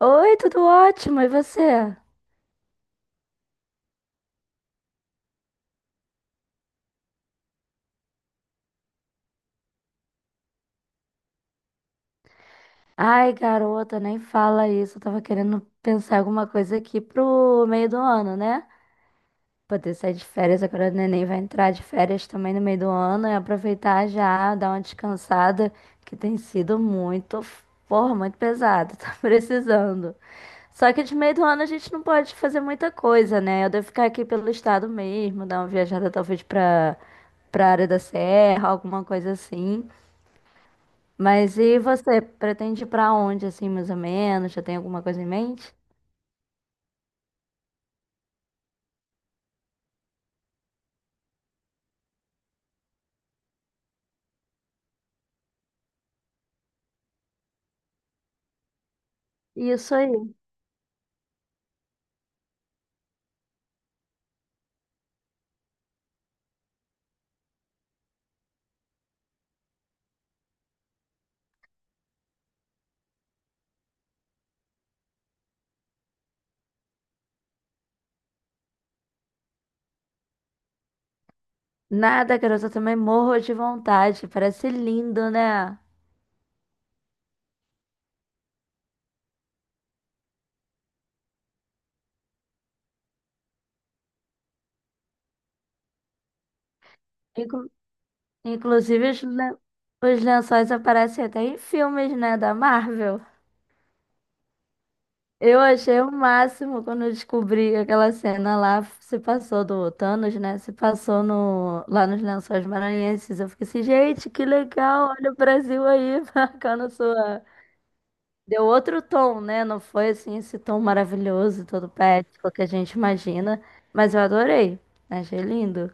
Oi, tudo ótimo, e você? Ai, garota, nem fala isso. Eu tava querendo pensar alguma coisa aqui pro meio do ano, né? Poder sair de férias, agora o neném vai entrar de férias também no meio do ano e aproveitar já, dar uma descansada, que tem sido muito, porra, muito pesado, tá precisando. Só que de meio do ano a gente não pode fazer muita coisa, né? Eu devo ficar aqui pelo estado mesmo, dar uma viajada talvez pra área da serra, alguma coisa assim. Mas e você pretende ir pra onde, assim, mais ou menos? Já tem alguma coisa em mente? Isso aí. Nada, garota, eu também morro de vontade. Parece lindo, né? Inclu- inclusive, os lençóis aparecem até em filmes, né, da Marvel. Eu achei o máximo quando eu descobri que aquela cena lá se passou do Thanos, né? Se passou no, lá nos Lençóis Maranhenses. Eu fiquei assim, gente, que legal, olha o Brasil aí marcando sua. Deu outro tom, né? Não foi assim esse tom maravilhoso, todo poético que a gente imagina, mas eu adorei. Achei lindo.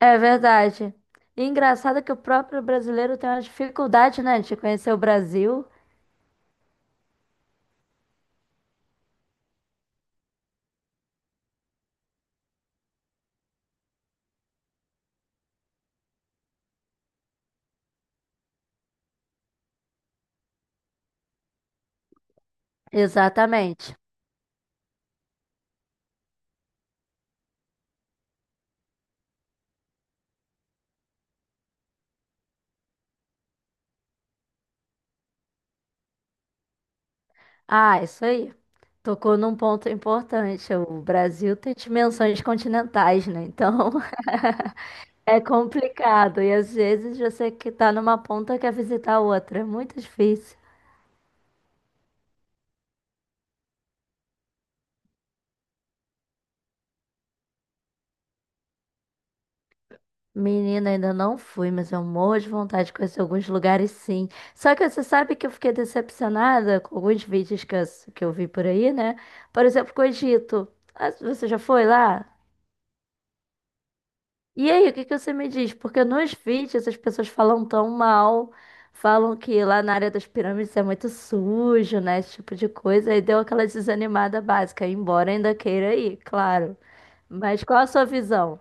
É verdade. E engraçado que o próprio brasileiro tem uma dificuldade, né, de conhecer o Brasil. Exatamente. Ah, isso aí. Tocou num ponto importante. O Brasil tem dimensões continentais, né? Então é complicado. E às vezes você que tá numa ponta quer visitar a outra. É muito difícil. Menina, ainda não fui, mas eu morro de vontade de conhecer alguns lugares, sim. Só que você sabe que eu fiquei decepcionada com alguns vídeos que eu vi por aí, né? Por exemplo, com o Egito. Ah, você já foi lá? E aí, o que que você me diz? Porque nos vídeos as pessoas falam tão mal, falam que lá na área das pirâmides é muito sujo, né? Esse tipo de coisa. E deu aquela desanimada básica, embora ainda queira ir, claro. Mas qual a sua visão?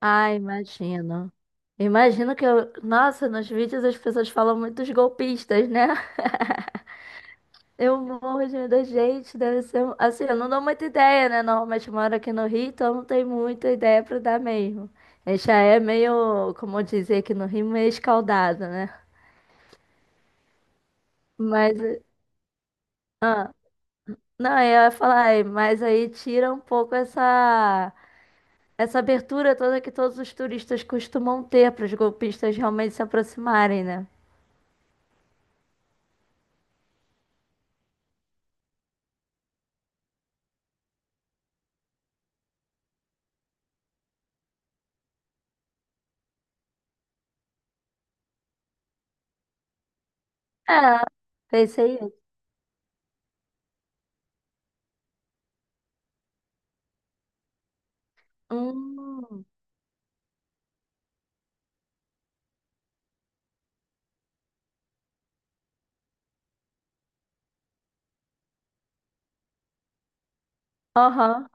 Ah, imagino. Imagino que eu. Nossa, nos vídeos as pessoas falam muito dos golpistas, né? Eu morro de medo, gente. Deve ser. Assim, eu não dou muita ideia, né? Normalmente eu moro aqui no Rio, então não tem muita ideia pra dar mesmo. A gente já é meio, como dizer aqui no Rio, meio escaldado, né? Mas. Não, eu ia falar, "Ai, mas aí tira um pouco essa. Essa abertura toda que todos os turistas costumam ter para os golpistas realmente se aproximarem, né? É, pensei. Hum. Aham.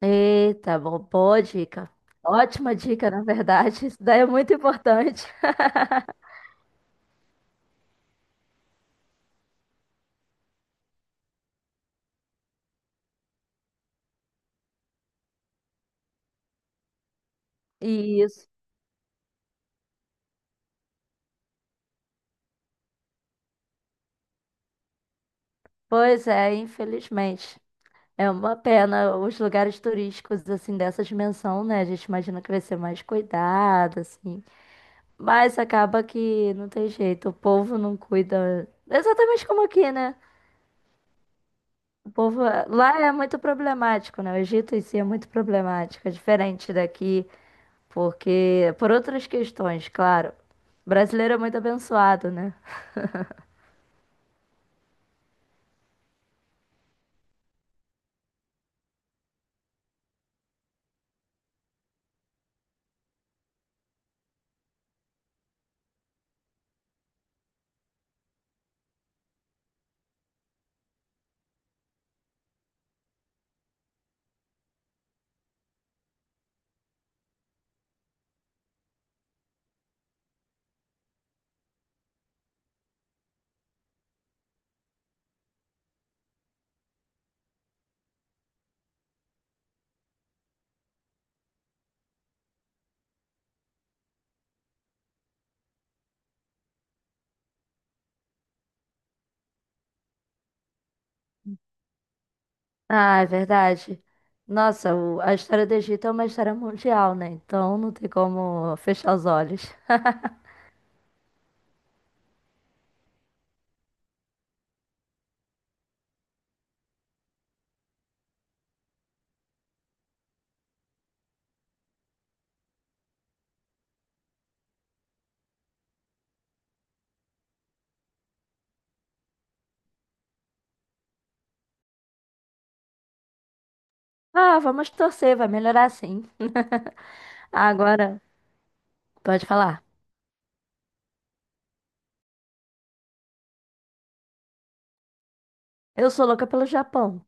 Eita, bom, boa dica. Ótima dica, na verdade. Isso daí é muito importante. Isso. Pois é, infelizmente. É uma pena os lugares turísticos, assim, dessa dimensão, né? A gente imagina que vai ser mais cuidado, assim. Mas acaba que não tem jeito. O povo não cuida. Exatamente como aqui, né? O povo lá é muito problemático, né? O Egito em si é muito problemático. É diferente daqui. Porque, por outras questões, claro. Brasileiro é muito abençoado, né? Ah, é verdade. Nossa, a história do Egito é uma história mundial, né? Então não tem como fechar os olhos. Ah, vamos torcer, vai melhorar sim. Agora, pode falar. Eu sou louca pelo Japão.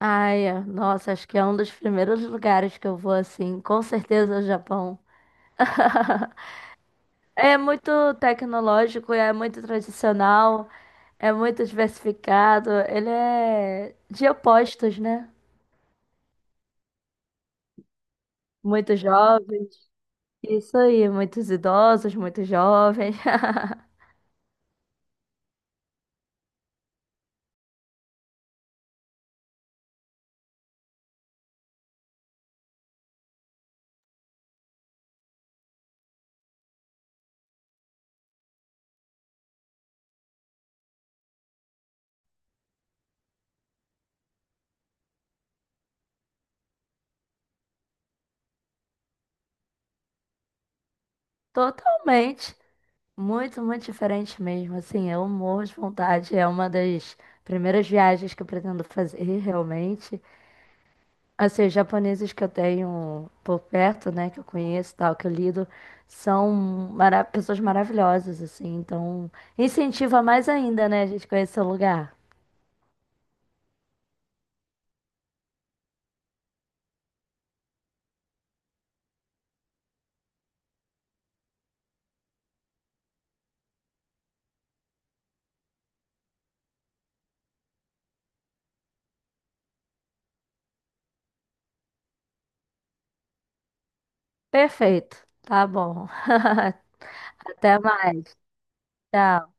Ai, nossa, acho que é um dos primeiros lugares que eu vou assim. Com certeza, é o Japão. É muito tecnológico, é muito tradicional, é muito diversificado. Ele é de opostos, né? Muitos jovens. Isso aí, muitos idosos, muitos jovens. Totalmente. Muito, muito diferente mesmo. Assim, eu morro de vontade. É uma das primeiras viagens que eu pretendo fazer, realmente. Assim, os japoneses que eu tenho por perto, né, que eu conheço, e tal, que eu lido, são pessoas maravilhosas, assim. Então, incentiva mais ainda, né, a gente conhecer o lugar. Perfeito. Tá bom. Até mais. Tchau.